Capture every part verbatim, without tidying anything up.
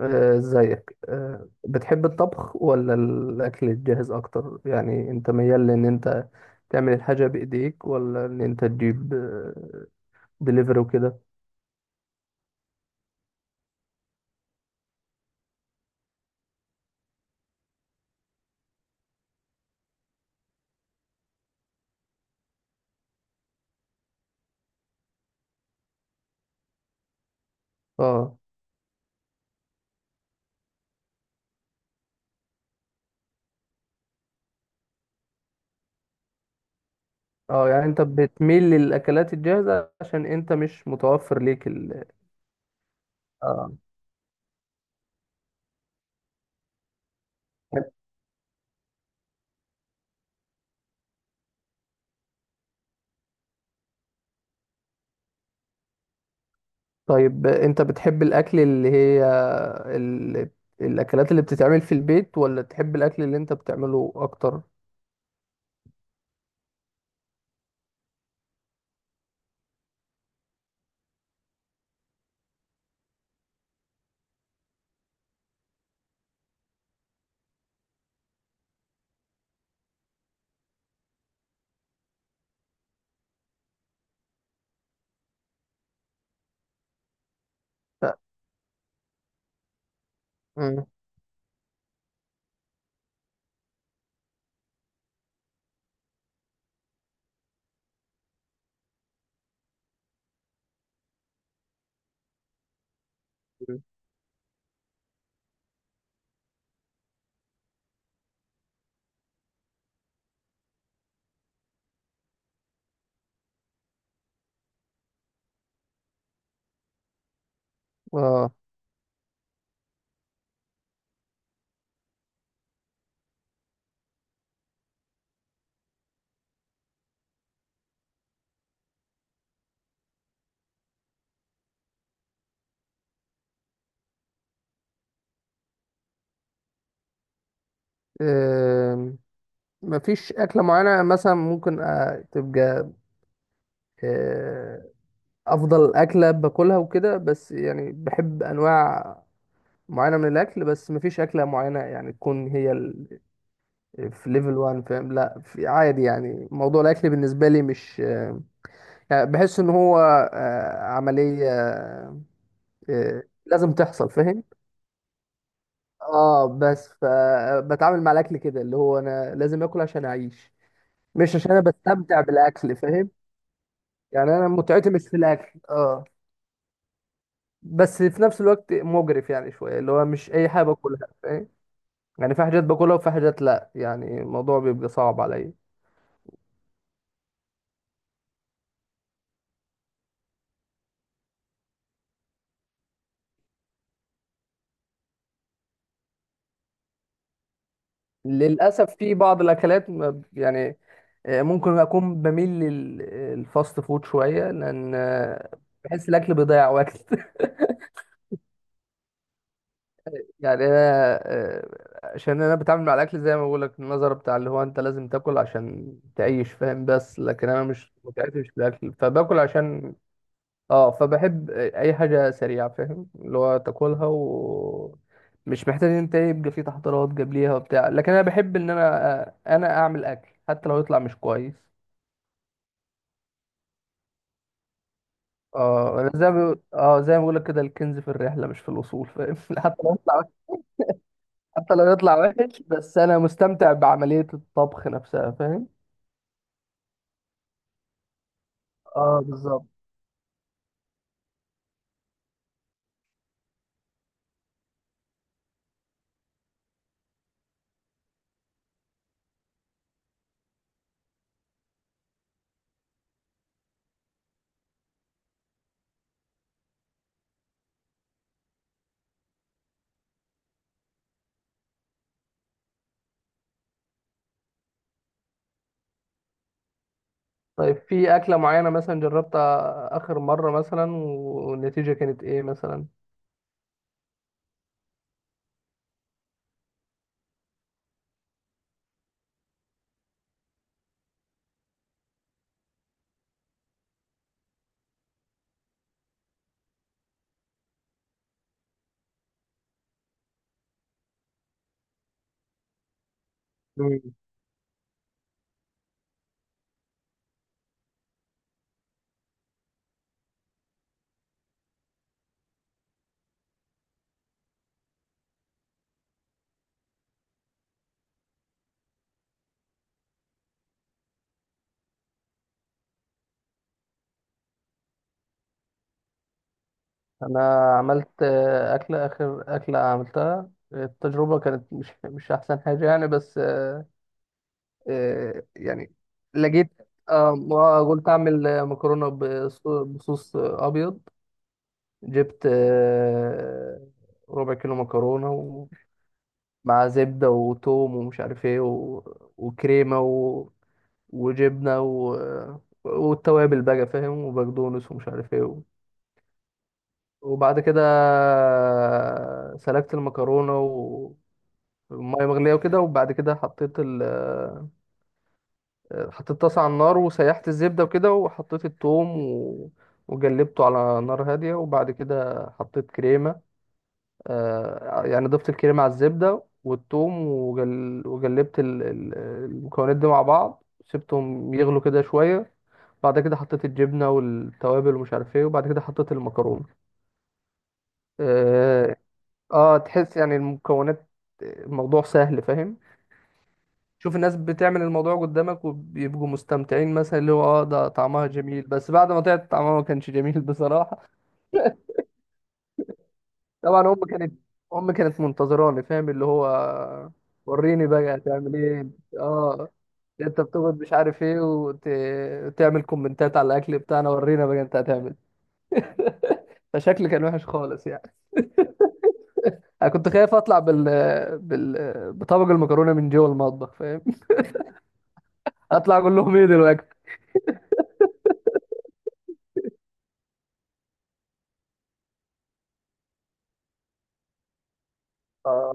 آه، ازيك؟ آه، بتحب الطبخ ولا الاكل الجاهز اكتر؟ يعني انت ميال لان انت تعمل الحاجه بايديك ولا ان انت تجيب دليفري وكده؟ اه، اه. يعني انت بتميل للاكلات الجاهزه عشان انت مش متوفر ليك ال... اه. طيب، انت بتحب الاكل اللي هي ال... الاكلات اللي بتتعمل في البيت، ولا تحب الاكل اللي انت بتعمله اكتر؟ لا. مم. اه. مفيش أكلة معينة مثلا ممكن آه، تبقى آه، أفضل أكلة باكلها وكده، بس يعني بحب أنواع معينة من الأكل. بس مفيش أكلة معينة يعني تكون هي ال- آه، في ليفل واحد، فاهم؟ لا، في عادي. يعني موضوع الأكل بالنسبة لي مش آه، يعني بحس إن هو آه، عملية، آه، آه، لازم تحصل، فاهم؟ اه. بس فبتعامل مع الأكل كده، اللي هو أنا لازم آكل عشان أعيش، مش عشان أنا بستمتع بالأكل، فاهم؟ يعني انا متعتي مش في الاكل، اه. بس في نفس الوقت مجرف يعني شويه، اللي هو مش اي حاجه باكلها، فاهم؟ يعني في حاجات باكلها وفي حاجات لا. يعني الموضوع بيبقى صعب عليا. للاسف في بعض الاكلات ما- ب- يعني، آه، ممكن اكون بميل للفاست فود شويه، لان آه، بحس الاكل بيضيع وقت. يعني انا، آه، عشان انا بتعامل مع الاكل زي ما بقول لك، النظره بتاع اللي هو انت لازم تاكل عشان تعيش، فاهم؟ بس لكن انا مش متعتي مش في الاكل، فباكل عشان، اه. فبحب اي حاجه سريعه، فاهم؟ اللي هو تاكلها و مش محتاج ان انت يبقى في تحضيرات جاب ليها وبتاع. لكن انا بحب ان انا آه، انا اعمل اكل حتى لو يطلع مش كويس. اه. انا زي ما بيقول- اه زي ما بقول لك كده، الكنز في الرحله مش في الوصول، فاهم؟ حتى لو يطلع حتى لو يطلع وحش، بس انا مستمتع بعمليه الطبخ نفسها، فاهم؟ اه بالظبط. طيب، في اكله معينه مثلا جربتها اخر مره مثلا والنتيجه كانت ايه مثلا؟ انا عملت آه، اكله، اخر اكله عملتها التجربه كانت مش مش احسن حاجه يعني، بس آه، آه، يعني لقيت، آه، ما قلت اعمل آه، مكرونه بص- بصوص آه، ابيض. جبت آه، ربع كيلو مكرونه و- مع زبده وتوم ومش عارف ايه، و- وكريمه، و- وجبنه، و- والتوابل بقى، فاهم؟ وبقدونس ومش عارف ايه. وبعد كده سلقت المكرونة والمية مغلية وكده، وبعد كده حطيت ال حطيت طاسة على النار، وسيحت الزبدة وكده، وحطيت التوم و... وجلبته على نار هادية، وبعد كده حطيت كريمة. آه، يعني ضفت الكريمة على الزبدة والتوم، وجل... وجلبت ال... ال- المكونات دي مع بعض، سبتهم يغلوا كده شوية. بعد كده حطيت الجبنة والتوابل ومش عارف ايه، وبعد كده حطيت المكرونة. آه، اه تحس يعني المكونات، الموضوع سهل، فاهم؟ شوف الناس بتعمل الموضوع قدامك وبيبقوا مستمتعين مثلا، اللي هو اه ده طعمها جميل، بس بعد ما طلعت طعمها ما كانش جميل. بصراحة. طبعا امي كانت امي كانت منتظراني، فاهم؟ اللي هو وريني بقى هتعمل ايه. اه. انت بتقعد مش عارف ايه وتعمل كومنتات على الاكل بتاعنا، ورينا بقى انت هتعمل. فشكلي كان وحش خالص يعني. انا كنت خايف اطلع بال بال بطبق المكرونة من جوه المطبخ، فاهم؟ اطلع اقول لهم ايه دلوقتي. اه،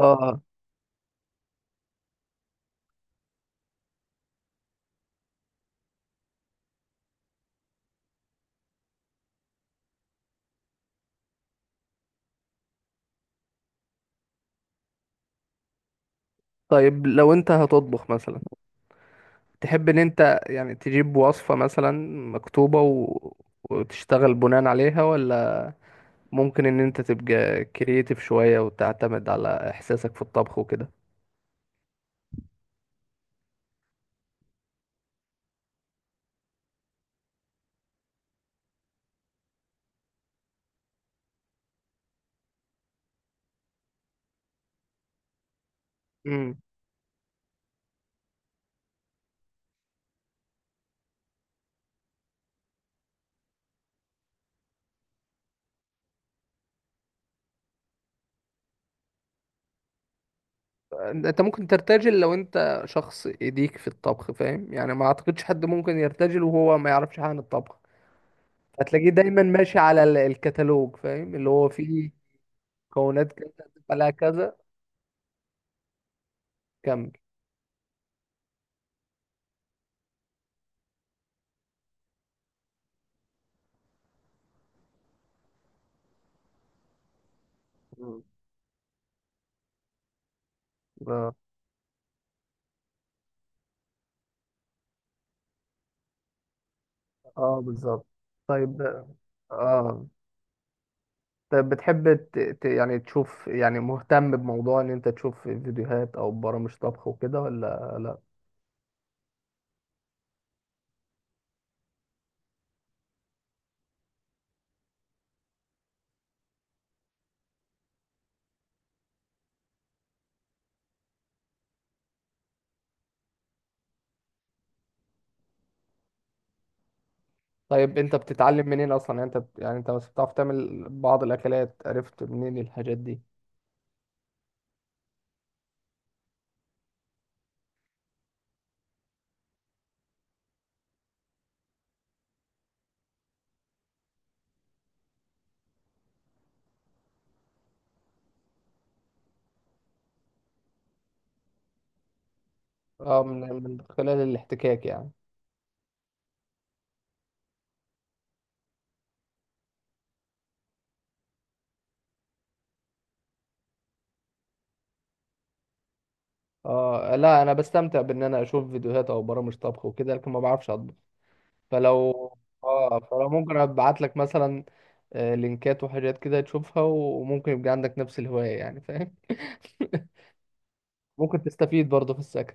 اه. طيب لو انت هتطبخ مثلا، تحب ان انت يعني تجيب وصفة مثلا مكتوبة و... وتشتغل بناء عليها، ولا ممكن ان انت تبقى كرييتيف شوية وتعتمد على احساسك في الطبخ وكده؟ امم انت ممكن ترتجل لو انت شخص ايديك في الطبخ، فاهم؟ يعني ما اعتقدش حد ممكن يرتجل وهو ما يعرفش حاجة عن الطبخ. هتلاقيه دايما ماشي على ال- الكتالوج، فاهم؟ اللي هو فيه مكونات كذا تبقى لها كذا. كمل. مم. اه بالظبط. طيب، اه طيب، بتحب ت... ت... يعني تشوف، يعني مهتم بموضوع ان انت تشوف فيديوهات او برامج طبخ وكده ولا لا؟ طيب انت بتتعلم منين اصلا؟ يعني انت بت... يعني انت بس بتعرف تعمل بعض الاكلات، عرفت منين الحاجات دي؟ اه، من... من خلال الاحتكاك يعني. اه، لا، انا بستمتع بان انا اشوف فيديوهات او برامج طبخ وكده، لكن ما بعرفش اطبخ. فلو، اه، فلو ممكن ابعت لك مثلا آه، لينكات وحاجات كده تشوفها، وممكن يبقى عندك نفس الهواية، يعني فاهم. ممكن تستفيد برضه في السكن.